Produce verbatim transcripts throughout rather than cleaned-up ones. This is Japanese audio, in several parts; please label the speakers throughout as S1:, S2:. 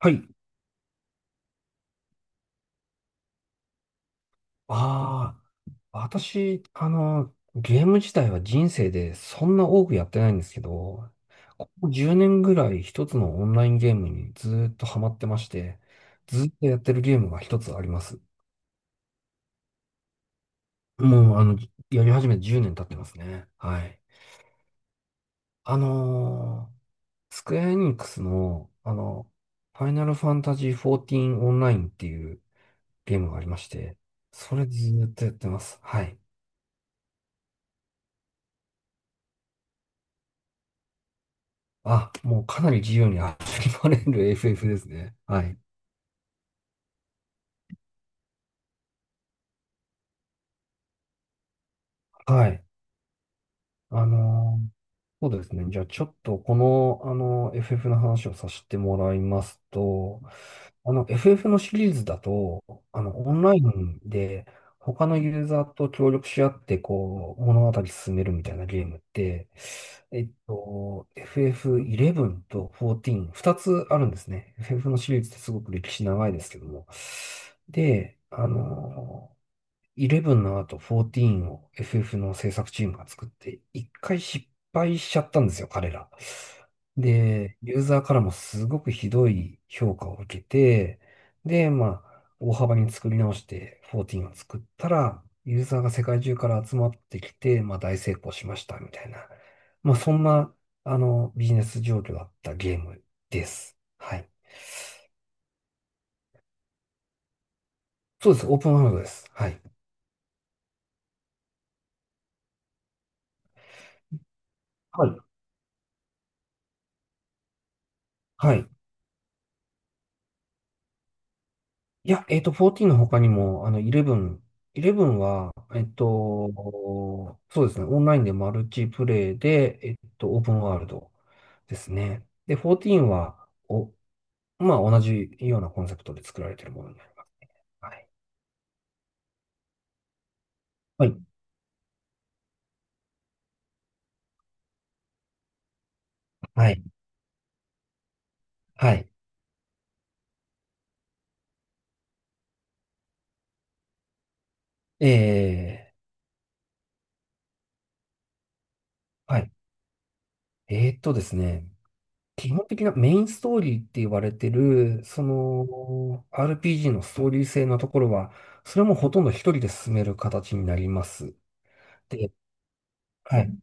S1: はい。ああ、私、あの、ゲーム自体は人生でそんな多くやってないんですけど、ここじゅうねんぐらい一つのオンラインゲームにずーっとハマってまして、ずーっとやってるゲームが一つあります。もう、あの、やり始めてじゅうねん経ってますね。はい。あのースクエアエニックスの、あの、ファイナルファンタジーじゅうよんオンラインっていうゲームがありまして、それずーっとやってます。はい。あ、もうかなり自由に遊びまれる エフエフ ですね。はい。はい。あのーそうですね。じゃあちょっとこの、あのー エフエフ の話をさせてもらいますと、あの エフエフ のシリーズだと、あの、オンラインで他のユーザーと協力し合って、こう、物語進めるみたいなゲームって、えっと、エフエフじゅういち とじゅうよん、ふたつあるんですね。エフエフ のシリーズってすごく歴史長いですけども。で、あのーじゅういちの後じゅうよんを エフエフ の制作チームが作って、一回失敗しちゃったんですよ、彼ら。で、ユーザーからもすごくひどい評価を受けて、で、まあ、大幅に作り直してじゅうよんを作ったら、ユーザーが世界中から集まってきて、まあ大成功しました、みたいな。まあそんな、あの、ビジネス状況だったゲームです。はい。そうです。オープンワールドです。はい。はい。はい。いや、えっと、じゅうよんの他にも、あの、じゅういち、じゅういちは、えっと、そうですね、オンラインでマルチプレイで、えっと、オープンワールドですね。で、じゅうよんは、お、まあ、同じようなコンセプトで作られているものになります。はい。はい。はい。はい。えー、はい。えーっとですね、基本的なメインストーリーって言われてる、その、アールピージー のストーリー性のところは、それもほとんど一人で進める形になります。はい。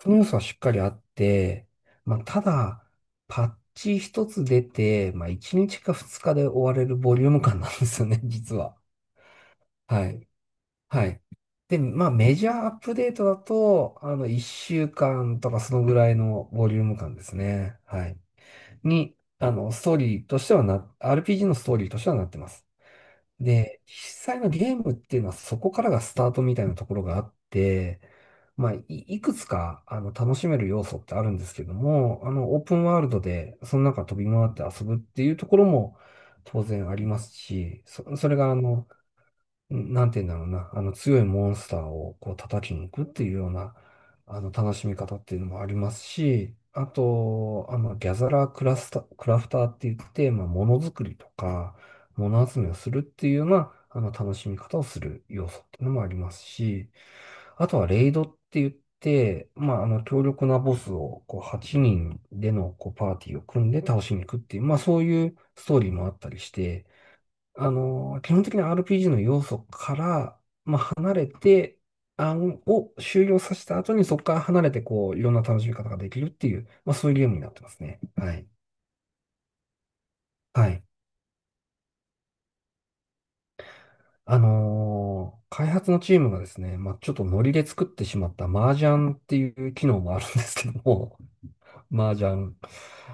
S1: その要素はしっかりあって、まあ、ただ、パッチ一つ出て、まあ、いちにちかふつかで終われるボリューム感なんですよね、実は。はい。はい。で、まあ、メジャーアップデートだと、あの、いっしゅうかんとかそのぐらいのボリューム感ですね。はい。に、あの、ストーリーとしてはな、アールピージー のストーリーとしてはなってます。で、実際のゲームっていうのはそこからがスタートみたいなところがあって、まあ、い、いくつか、あの、楽しめる要素ってあるんですけども、あの、オープンワールドで、その中飛び回って遊ぶっていうところも当然ありますし、そ、それが、あの、なんて言うんだろうな、あの強いモンスターをこう叩きに行くっていうような、あの楽しみ方っていうのもありますし、あと、あの、ギャザラークラスタ、クラフターって言って、まあ、ものづくりとか、もの集めをするっていうような、あの、楽しみ方をする要素っていうのもありますし、あとはレイドって言って、まあ、あの、強力なボスを、こう、はちにんでの、こう、パーティーを組んで倒しに行くっていう、まあ、そういうストーリーもあったりして、あの、基本的な アールピージー の要素から離れて、案を終了させた後にそこから離れて、こう、いろんな楽しみ方ができるっていう、まあそういうゲームになってますね。はい。はい。あのー開発のチームがですね、まあちょっとノリで作ってしまった麻雀っていう機能もあるんですけども、麻雀。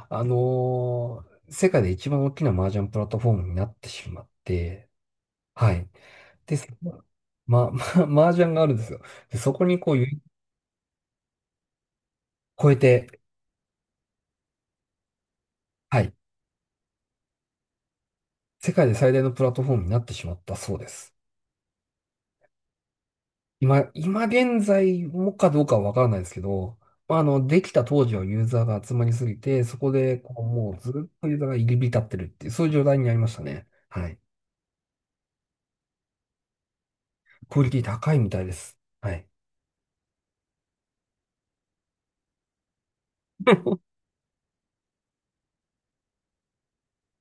S1: あのー世界で一番大きな麻雀プラットフォームになってしまって、はい。で、ま、ま、ま麻雀があるんですよ。で、そこにこう、ユ超えて、はい、世界で最大のプラットフォームになってしまったそうです。今、今現在もかどうかはわからないですけど、まあ、あの、できた当時はユーザーが集まりすぎて、そこでこうもうずっとユーザーが入り浸ってるっていう、そういう状態になりましたね。はい。クオリティ高いみたいです。はい。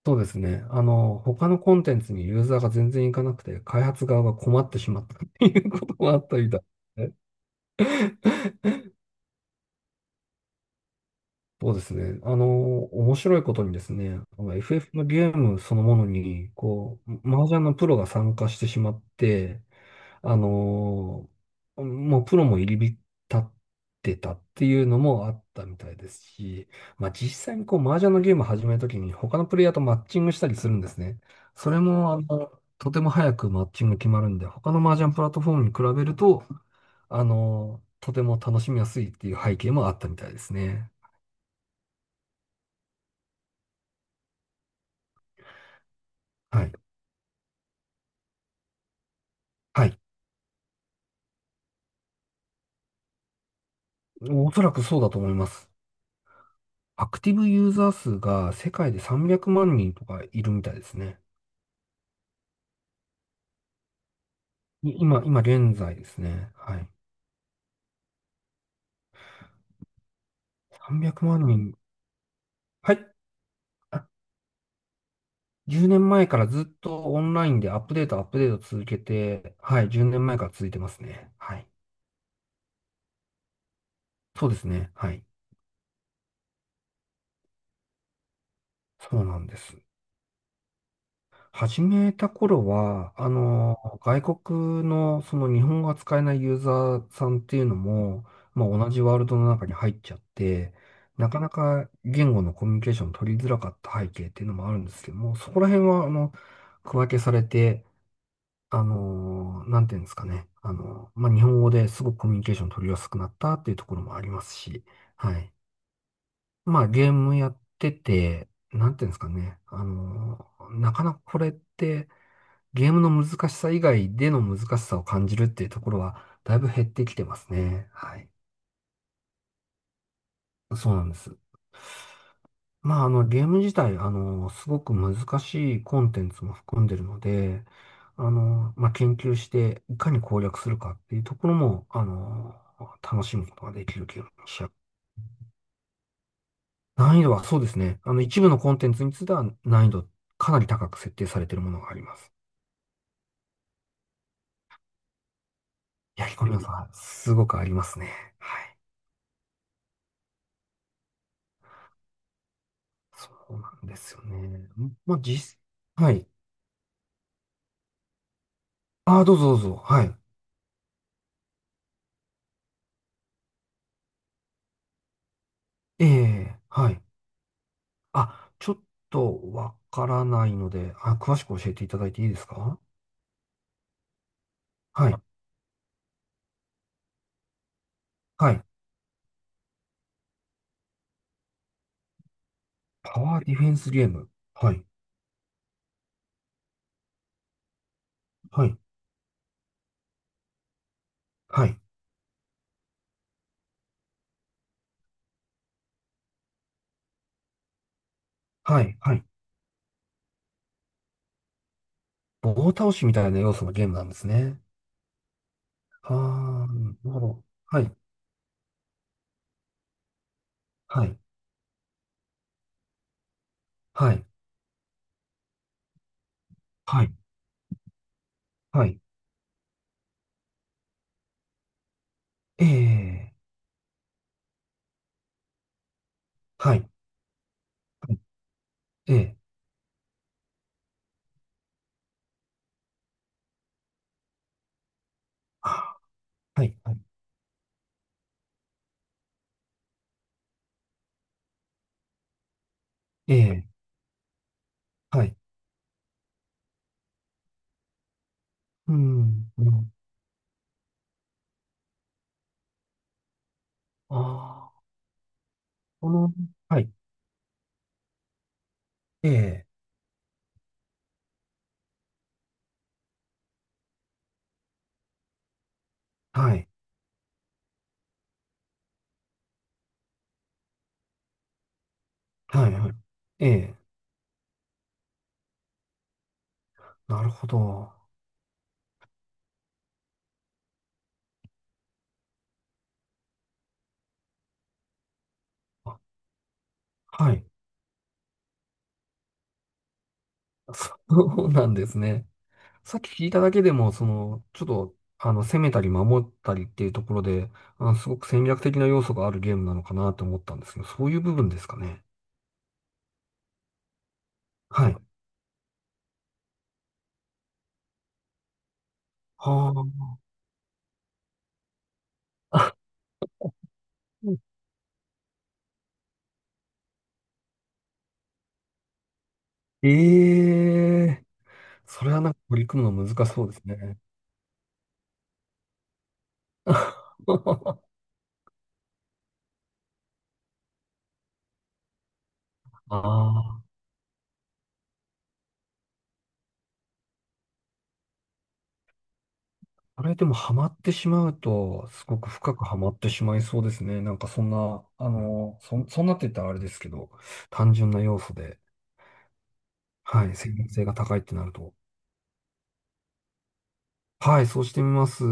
S1: そうですね。あの、他のコンテンツにユーザーが全然いかなくて、開発側が困ってしまったっていうこともあったみたいですね。そうですね。あの、面白いことにですね、あの エフエフ のゲームそのものに、こう、麻雀のプロが参加してしまって、あの、もうプロも入り浸ってたっていうのもあったみたいですし、まあ実際にこう、麻雀のゲームを始めるときに他のプレイヤーとマッチングしたりするんですね。それも、あの、とても早くマッチング決まるんで、他の麻雀プラットフォームに比べると、あの、とても楽しみやすいっていう背景もあったみたいですね。はい。はい。おそらくそうだと思います。アクティブユーザー数が世界でさんびゃくまん人とかいるみたいですね。い今、今現在ですね。はい。さんびゃくまん人。はい。あじゅうねんまえからずっとオンラインでアップデート、アップデート続けて、はい。じゅうねんまえから続いてますね。はい。そうですね。はい。そうなんです。始めた頃は、あの、外国のその日本語が使えないユーザーさんっていうのも、まあ、同じワールドの中に入っちゃって、なかなか言語のコミュニケーション取りづらかった背景っていうのもあるんですけども、そこら辺は、あの、区分けされて、あの、なんていうんですかね、あの、まあ、日本語ですごくコミュニケーション取りやすくなったっていうところもありますし、はい。まあ、ゲームやってて、なんていうんですかね、あの、なかなかこれって、ゲームの難しさ以外での難しさを感じるっていうところは、だいぶ減ってきてますね。はい。そうなんです。まあ、あの、ゲーム自体、あの、すごく難しいコンテンツも含んでるので、あの、まあ、研究して、いかに攻略するかっていうところも、あの、楽しむことができるゲームにしちゃう。難易度はそうですね。あの、一部のコンテンツについては難易度かなり高く設定されているものがあります。いや、彦宮さん、すごくありますね。はい、そうなんですよね。まあ、実、はい。ああ、どうぞどうぞ。はい。ええ、はい。あ、ちょっとわからないので、あ、詳しく教えていただいていいですか？はい。はい。パワーディフェンスゲーム。はい。はい。はい。はい。はい。棒倒しみたいな要素のゲームなんですね。ああ、なるほど。はい。はい。はい。はい。はい。ええ、はい。はい、ええ、あ、はい。はい。ええ、はい。うん。うん、ああ。この、はい、ええ、はい、はい、はい、ええ、なるほど。あ、はい、そうなんですね。さっき聞いただけでも、その、ちょっと、あの、攻めたり守ったりっていうところで、あの、すごく戦略的な要素があるゲームなのかなと思ったんですけど、そういう部分ですかね。はい。はあ。あええ、それはなんか取り組むの難しそうですね。ああれでもハマってしまうと、すごく深くハマってしまいそうですね。なんかそんな、あの、そ、そんなって言ったらあれですけど、単純な要素で、はい、専門性が高いってなると。はい、そうしてみます。